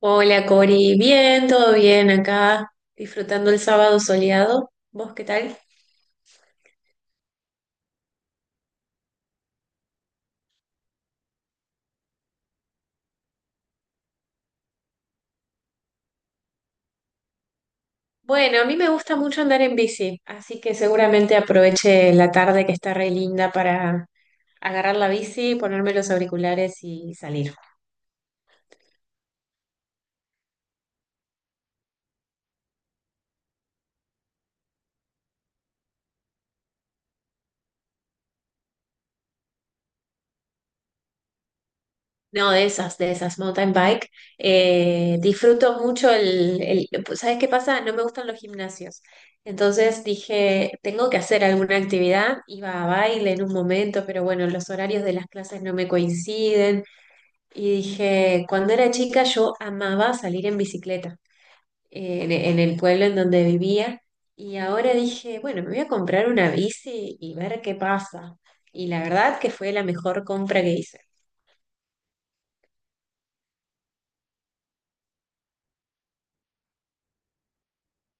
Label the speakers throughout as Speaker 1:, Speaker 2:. Speaker 1: Hola Cori, bien, todo bien acá, disfrutando el sábado soleado. ¿Vos qué tal? Bueno, a mí me gusta mucho andar en bici, así que seguramente aproveche la tarde que está re linda para agarrar la bici, ponerme los auriculares y salir. No, de esas, mountain bike. Disfruto mucho ¿Sabes qué pasa? No me gustan los gimnasios. Entonces dije, tengo que hacer alguna actividad. Iba a baile en un momento, pero bueno, los horarios de las clases no me coinciden. Y dije, cuando era chica yo amaba salir en bicicleta en el pueblo en donde vivía. Y ahora dije, bueno, me voy a comprar una bici y ver qué pasa. Y la verdad que fue la mejor compra que hice.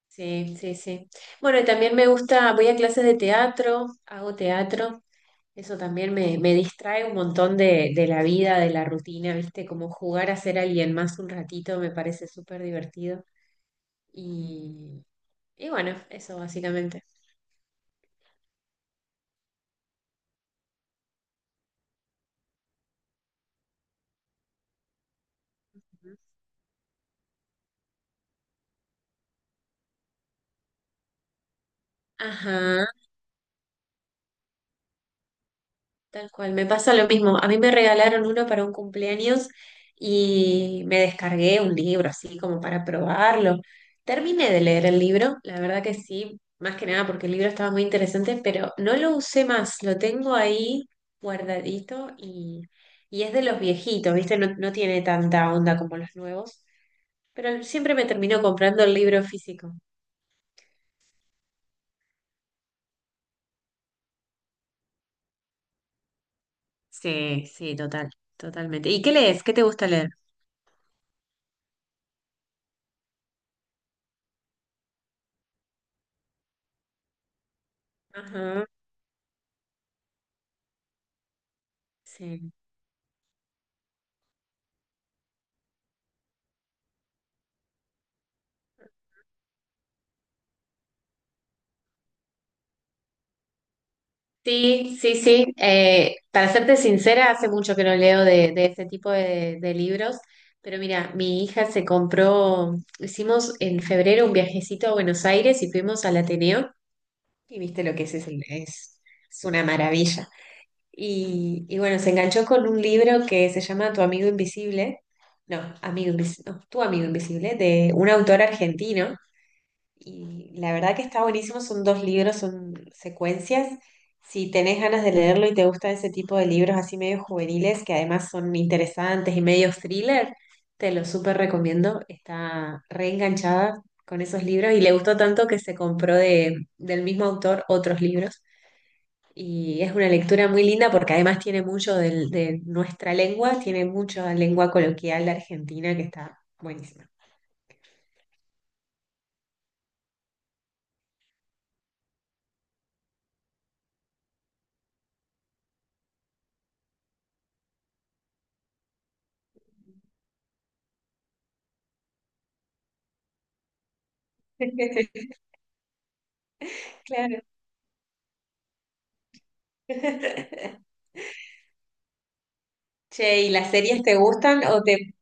Speaker 1: Sí, sí, sí. Bueno, y también me gusta, voy a clases de teatro, hago teatro, eso también me distrae un montón de la vida, de la rutina, ¿viste? Como jugar a ser alguien más un ratito me parece súper divertido. Y, y bueno, eso básicamente. Ajá. Tal cual, me pasa lo mismo. A mí me regalaron uno para un cumpleaños y me descargué un libro así como para probarlo. Terminé de leer el libro, la verdad que sí, más que nada porque el libro estaba muy interesante, pero no lo usé más, lo tengo ahí guardadito y es de los viejitos, ¿viste? No, no tiene tanta onda como los nuevos, pero siempre me termino comprando el libro físico. Sí, sí, total, totalmente. ¿Y qué lees? ¿Qué te gusta leer? Ajá, sí. Sí, sí, sí. Para serte sincera, hace mucho que no leo de este tipo de libros, pero mira, mi hija se compró, hicimos en febrero un viajecito a Buenos Aires y fuimos al Ateneo y viste lo que Es una maravilla. Y bueno, se enganchó con un libro que se llama Tu amigo invisible, no, amigo invisible, Tu amigo invisible, de un autor argentino y la verdad que está buenísimo, son dos libros, son secuencias. Si tenés ganas de leerlo y te gustan ese tipo de libros así medio juveniles, que además son interesantes y medio thriller, te lo súper recomiendo. Está reenganchada con esos libros y le gustó tanto que se compró del mismo autor otros libros. Y es una lectura muy linda porque además tiene mucho de nuestra lengua, tiene mucha lengua coloquial de Argentina que está buenísima. Claro. Che, ¿y las series te gustan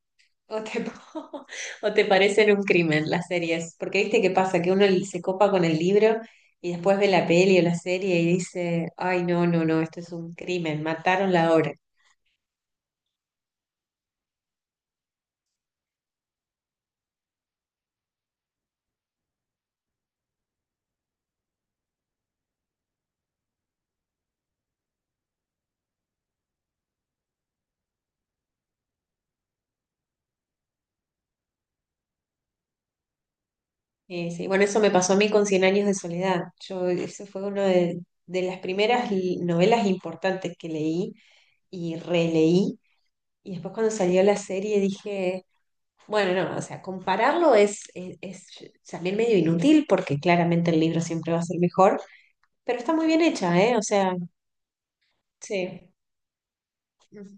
Speaker 1: o te, o te parecen un crimen las series? Porque viste qué pasa, que uno se copa con el libro y después ve la peli o la serie y dice, ay, no, no, no, esto es un crimen, mataron la obra. Sí, bueno, eso me pasó a mí con Cien años de soledad. Yo, ese fue uno de las primeras novelas importantes que leí y releí. Y después cuando salió la serie dije. Bueno, no, o sea, compararlo es también medio inútil porque claramente el libro siempre va a ser mejor, pero está muy bien hecha, ¿eh? O sea, sí. Ujú.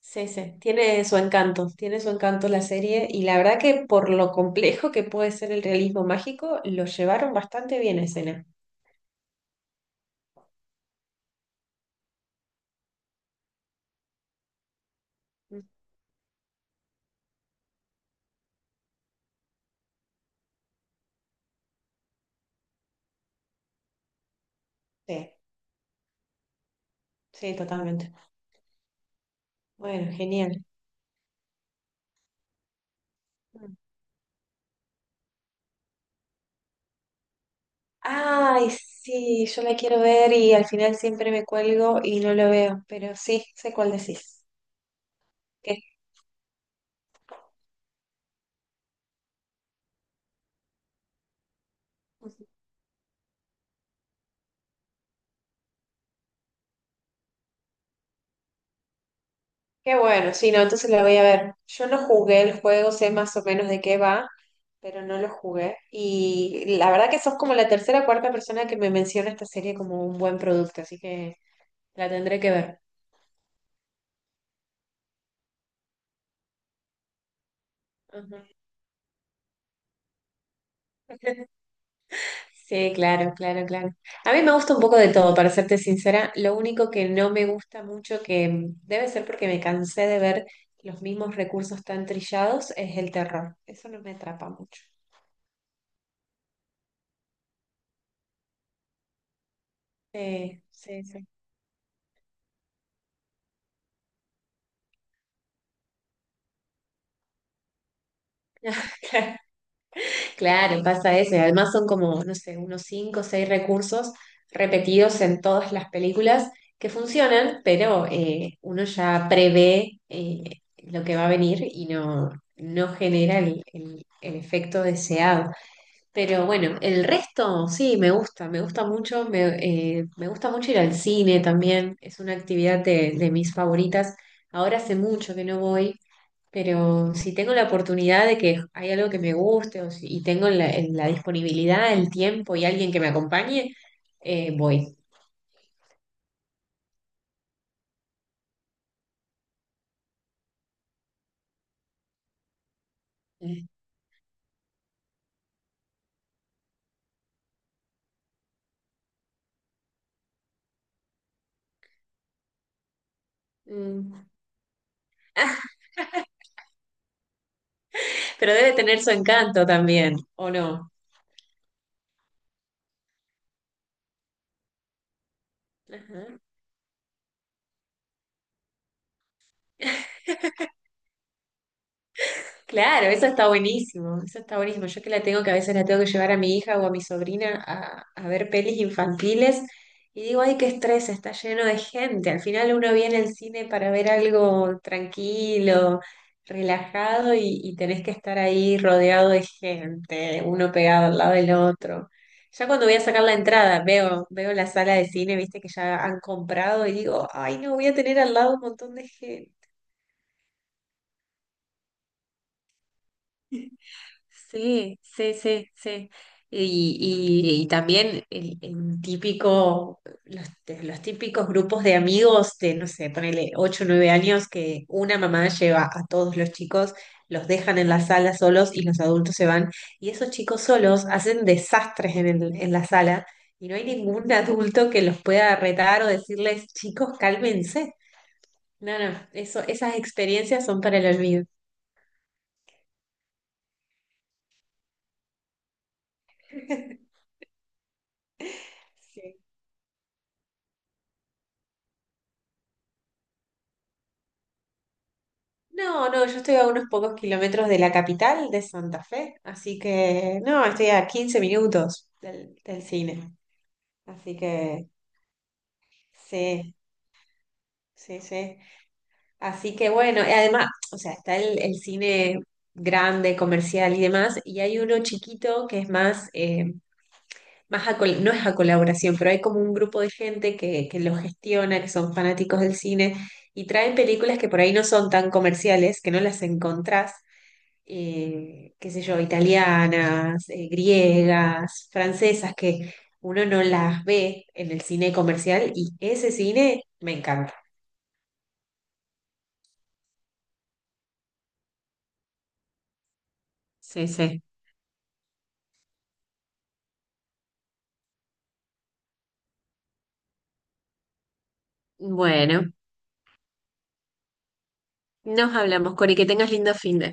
Speaker 1: Sí, sí, tiene su encanto la serie y la verdad que por lo complejo que puede ser el realismo mágico, lo llevaron bastante bien a escena. Mm. Sí, sí, totalmente. Bueno, genial. Mm. Ay, sí, yo la quiero ver y al final siempre me cuelgo y no lo veo, pero sí, sé cuál decís. ¿Qué? Qué bueno, sí, no, entonces la voy a ver. Yo no jugué el juego, sé más o menos de qué va, pero no lo jugué. Y la verdad que sos como la tercera o cuarta persona que me menciona esta serie como un buen producto, así que la tendré que ver. Ujú. Sí, claro, claro, claro. A mí me gusta un poco de todo, para serte sincera. Lo único que no me gusta mucho, que debe ser porque me cansé de ver los mismos recursos tan trillados, es el terror. Eso no me atrapa mucho. Sí, sí, sí. Claro, pasa eso. Y además son como, no sé, unos cinco o seis recursos repetidos en todas las películas que funcionan, pero uno ya prevé lo que va a venir y no, no genera el efecto deseado. Pero bueno, el resto sí, me gusta mucho ir al cine también, es una actividad de mis favoritas. Ahora hace mucho que no voy pero si tengo la oportunidad de que hay algo que me guste o y tengo la disponibilidad, el tiempo y alguien que me acompañe, voy. Mm. Pero debe tener su encanto también, ¿o no? Ajá. Claro, eso está buenísimo, eso está buenísimo. Yo que la tengo, que a veces la tengo que llevar a mi hija o a mi sobrina a ver pelis infantiles y digo, ay, qué estrés, está lleno de gente. Al final uno viene al cine para ver algo tranquilo, relajado y tenés que estar ahí rodeado de gente, uno pegado al lado del otro. Ya cuando voy a sacar la entrada, veo la sala de cine, viste que ya han comprado y digo, ay, no, voy a tener al lado un montón de gente. Sí, sí, sí, sí. Y, y también el típico, los típicos grupos de amigos de, no sé, ponele 8 o 9 años que una mamá lleva a todos los chicos, los dejan en la sala solos y los adultos se van. Y esos chicos solos hacen desastres en la sala y no hay ningún adulto que los pueda retar o decirles, chicos, cálmense. No, no, esas experiencias son para el olvido. No, no, yo estoy a unos pocos kilómetros de la capital de Santa Fe, así que no, estoy a 15 minutos del cine. Así que sí, sí, sí. Así que bueno, y además, o sea, está el cine grande, comercial y demás, y hay uno chiquito que es más, más no es a colaboración, pero hay como un grupo de gente que lo gestiona, que son fanáticos del cine, y traen películas que por ahí no son tan comerciales, que no las encontrás qué sé yo, italianas, griegas, francesas, que uno no las ve en el cine comercial y ese cine me encanta. Sí, sí. Bueno, nos hablamos, Cori, que tengas lindo fin de.